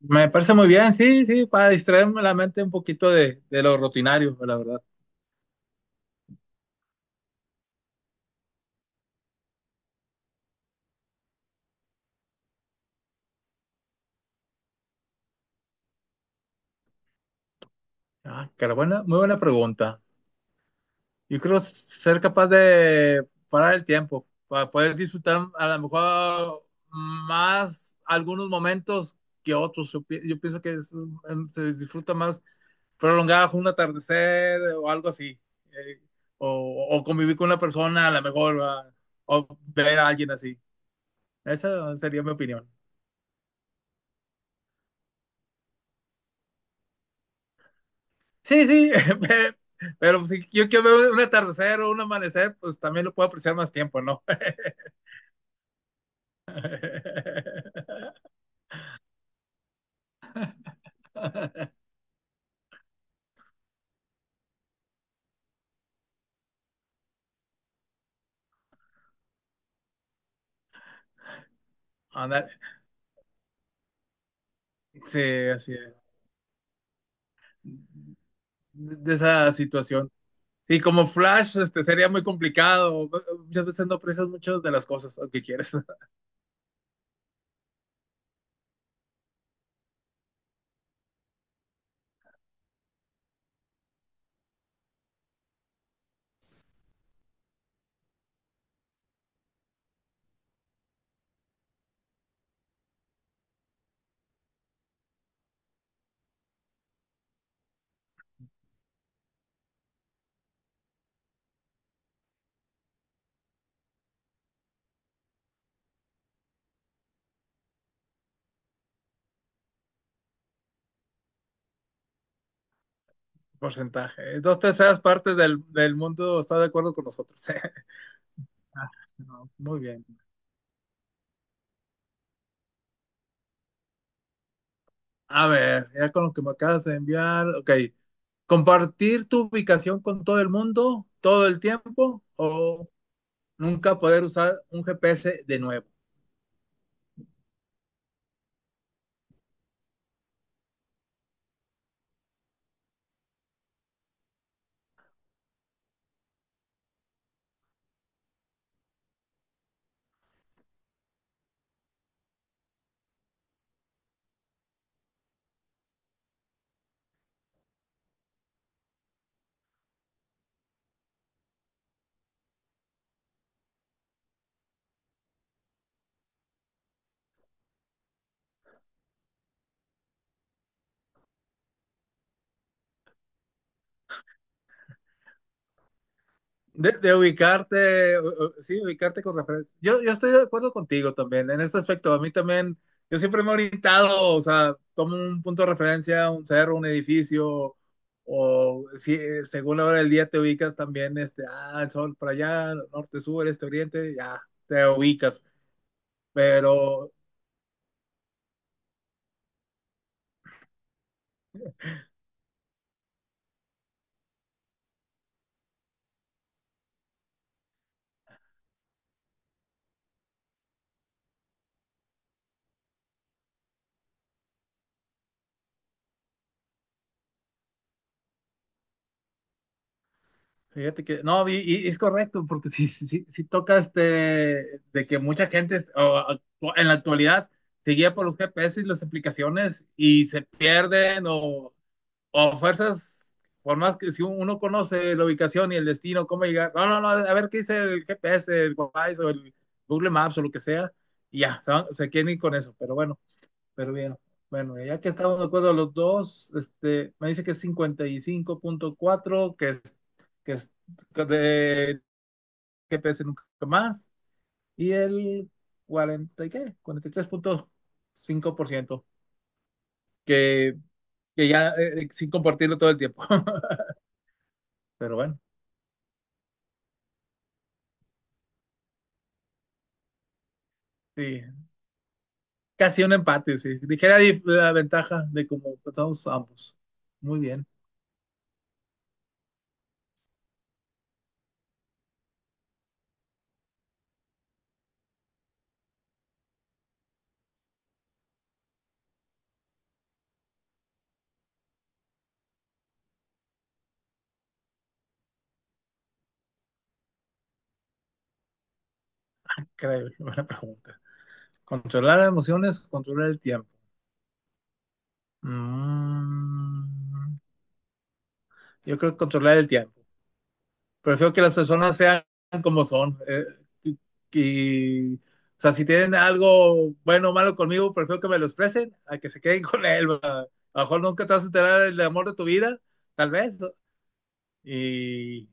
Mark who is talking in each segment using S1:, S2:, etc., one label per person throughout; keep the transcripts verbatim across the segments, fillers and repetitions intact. S1: Me parece muy bien, sí, sí, para distraerme la mente un poquito de, de lo rutinario, la verdad. Ah, cara, buena, muy buena pregunta. Yo creo ser capaz de parar el tiempo, para poder disfrutar a lo mejor más algunos momentos que otros. Yo, pi- yo pienso que es- se disfruta más prolongar un atardecer o algo así. eh, o, o convivir con una persona, a lo mejor, ¿verdad? O ver a alguien así. Esa sería mi opinión. Sí, sí, pe- pero si yo quiero ver un atardecer o un amanecer, pues también lo puedo apreciar más tiempo, ¿no? Ándale. Sí, así es. De esa situación. Y como Flash, este, sería muy complicado. Muchas veces no aprecias muchas de las cosas, aunque quieres. Porcentaje. Dos terceras partes del, del mundo está de acuerdo con nosotros. Ah, no, muy bien. A ver, ya con lo que me acabas de enviar, ok. ¿Compartir tu ubicación con todo el mundo todo el tiempo o nunca poder usar un G P S de nuevo? De, de ubicarte, u- u- Sí, ubicarte con referencia. Yo, yo estoy de acuerdo contigo también en este aspecto. A mí también, yo siempre me he orientado, o sea, como un punto de referencia, un cerro, un edificio, o si eh, según la hora del día te ubicas también, este, ah, el sol para allá, norte, sur, este, oriente, ya, te ubicas. Pero fíjate que, no, y, y es correcto, porque si, si, si toca este, de que mucha gente o, actu- en la actualidad se guía por los G P S y las aplicaciones y se pierden o, o fuerzas, por más que si uno conoce la ubicación y el destino, cómo llegar, no, no, no, a ver qué dice el G P S, el Waze o el Google Maps o lo que sea, y ya, se, van- se quieren ir con eso, pero bueno. Pero bien, bueno, ya que estamos de acuerdo los dos, este, me dice que es cincuenta y cinco punto cuatro, que es, que es que de que pese nunca más, y el cuarenta, ¿y qué? Cuarenta y tres punto cinco por ciento que, que ya eh, eh, sin compartirlo todo el tiempo. Pero bueno, sí, casi un empate, sí. Dijera dif- la ventaja de cómo empezamos ambos. Muy bien, increíble, buena pregunta. Controlar las emociones, controlar el tiempo. Mm, yo creo que controlar el tiempo. Prefiero que las personas sean como son. eh, y, y, o sea, si tienen algo bueno o malo conmigo, prefiero que me lo expresen a que se queden con él. ¿Verdad? A lo mejor nunca te vas a enterar del amor de tu vida, tal vez. ¿No? Y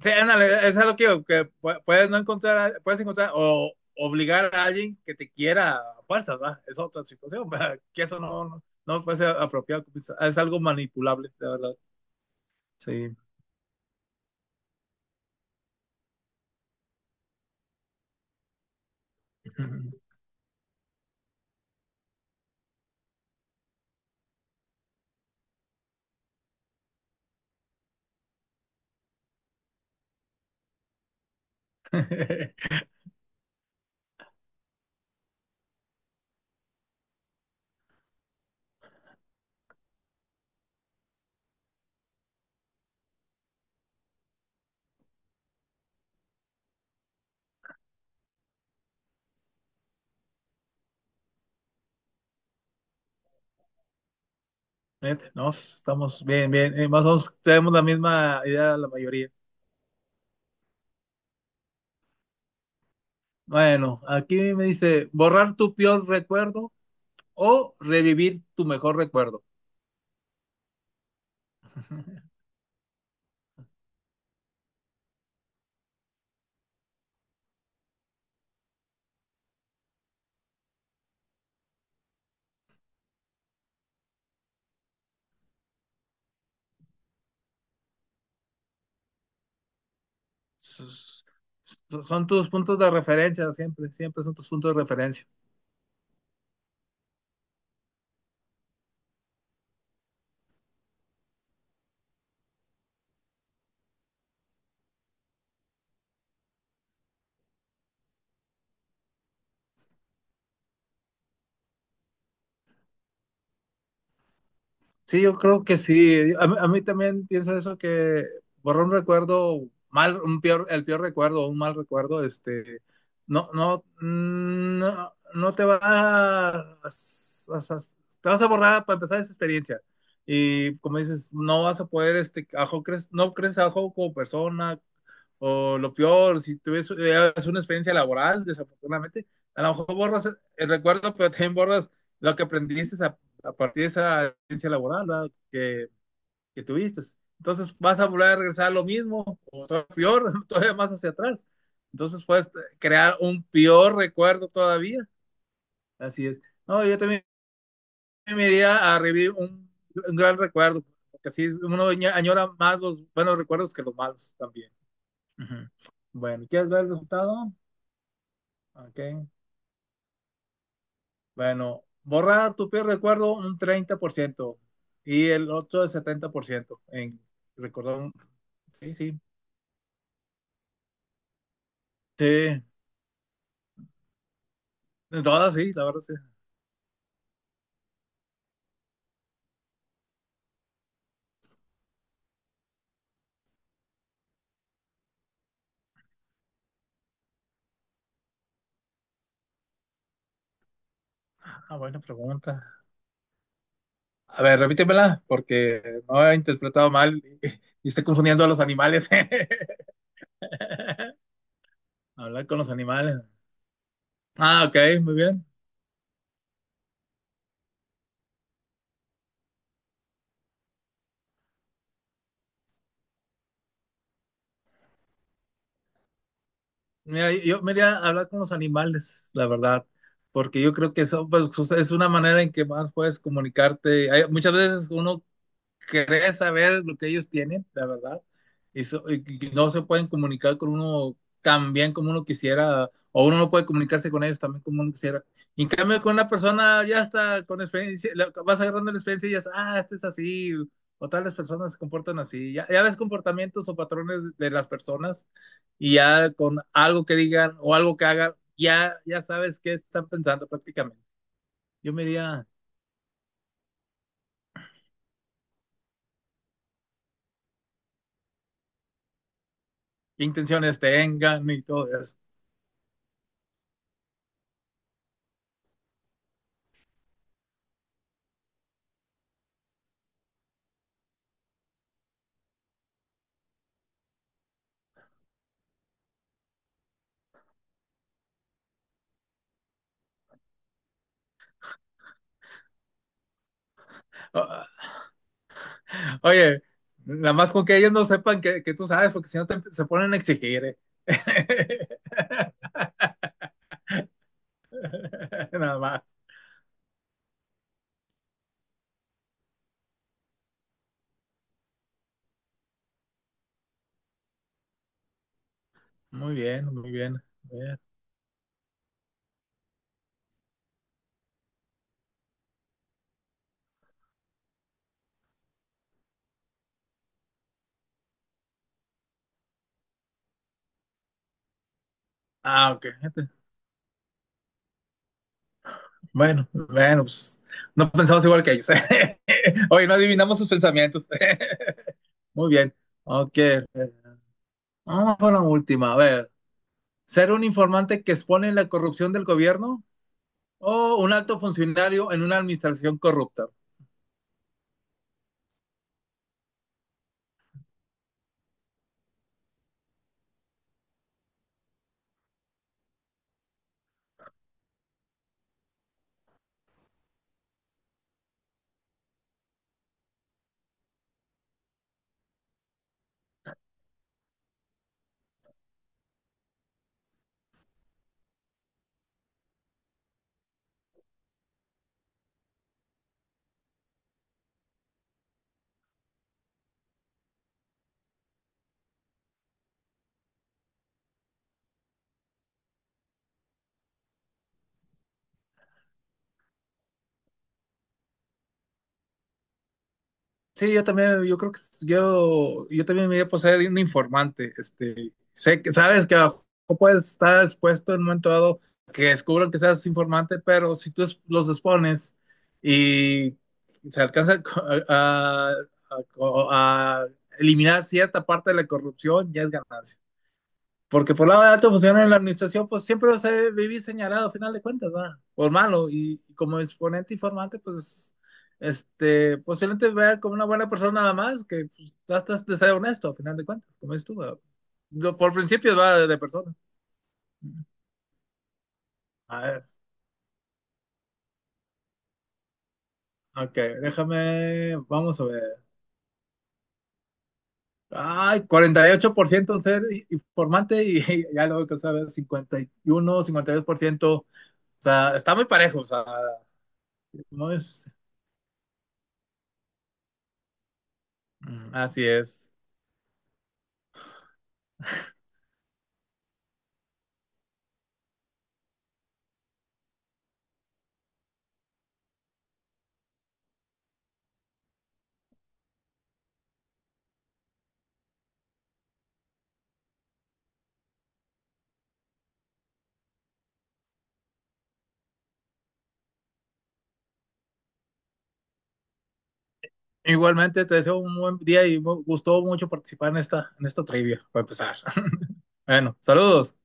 S1: sí, ándale, es lo que digo, que pu- puedes no encontrar, puedes encontrar o obligar a alguien que te quiera a fuerzas, ¿verdad? Es otra situación, ¿verdad? Que eso no, no, no me parece apropiado, es algo manipulable, la verdad. Sí. Fíjate, no, estamos bien, bien. eh, más o menos tenemos la misma idea la mayoría. Bueno, aquí me dice borrar tu peor recuerdo o revivir tu mejor recuerdo. Sus- Son tus puntos de referencia, siempre, siempre son tus puntos de referencia. Sí, yo creo que sí. A, mí a mí también pienso eso, que borrar un recuerdo mal, un peor, el peor recuerdo, un mal recuerdo, este, no, no, mm, no, no te va a, a- a- te vas a borrar para empezar esa experiencia. Y como dices, no vas a poder, este, ajo, crees, no creces ajo como persona, o lo peor, si tuvieras una experiencia laboral, desafortunadamente, a lo mejor borras eh, el recuerdo, pero también borras lo que aprendiste a, a partir de esa experiencia laboral, ¿verdad? que, que tuviste. Entonces vas a volver a regresar a lo mismo, o todavía peor, todavía más hacia atrás. Entonces puedes crear un peor recuerdo todavía. Así es. No, yo también me iría a revivir un, un gran recuerdo, porque así uno añora más los buenos recuerdos que los malos también. Uh -huh. Bueno, ¿quieres ver el resultado? Ok. Bueno, borrar tu peor recuerdo un treinta por ciento y el otro el setenta por ciento en recordar. Un- Sí, sí. Sí. En todas, sí, la verdad, sí. Ah, buena pregunta. A ver, repítemela, porque no he interpretado mal y, y estoy confundiendo a los animales. Hablar con los animales. Ah, ok, muy bien. Mira, yo me iría a hablar con los animales, la verdad, porque yo creo que eso pues, es una manera en que más puedes comunicarte. Hay- muchas veces uno querer saber lo que ellos tienen, la verdad. Y, so, y no se pueden comunicar con uno tan bien como uno quisiera, o uno no puede comunicarse con ellos también como uno quisiera. Y en cambio, con una persona ya está con experiencia, vas agarrando la experiencia y ya, ah, esto es así, o tales personas se comportan así. Ya, ya ves comportamientos o patrones de las personas y ya con algo que digan o algo que hagan, ya, ya sabes qué están pensando prácticamente. Yo me diría, qué intenciones tengan y todo eso. Ah, oye, nada más con que ellos no sepan que, que tú sabes, porque si no te- se ponen a exigir. ¿Eh? Nada más. Muy bien, muy bien. Bien. Ah, ok. Fíjate. Bueno, bueno, pues no pensamos igual que ellos. Oye, no adivinamos sus pensamientos. Muy bien. Ok. Vamos con la última. A ver. ¿Ser un informante que expone la corrupción del gobierno o un alto funcionario en una administración corrupta? Sí, yo también, yo creo que yo, yo también me voy a poseer un informante. Este, sé que sabes que a lo mejor puedes estar expuesto en un momento dado que descubran que seas informante, pero si tú es- los expones y se alcanza a a- a- a eliminar cierta parte de la corrupción, ya es ganancia. Porque por lado de alto funcionario en la administración, pues siempre vas a vivir señalado, a final de cuentas, ¿verdad? Por malo. Y, y como exponente y formante, pues, este, posiblemente vea como una buena persona nada más, que pues, tratas de ser honesto, a final de cuentas, como es tú, ¿verdad? Yo, Por principios va de, de persona. A ver, ok, déjame, vamos a ver. Ay, cuarenta y ocho por ciento en ser i- informante y, ya luego que sabes, cincuenta cincuenta y y uno cincuenta y dos por ciento. O sea, está muy parejo, o sea, no es. Mm, así es. Igualmente, te deseo un buen día y me gustó mucho participar en esta, en esta trivia, para empezar. Bueno, saludos.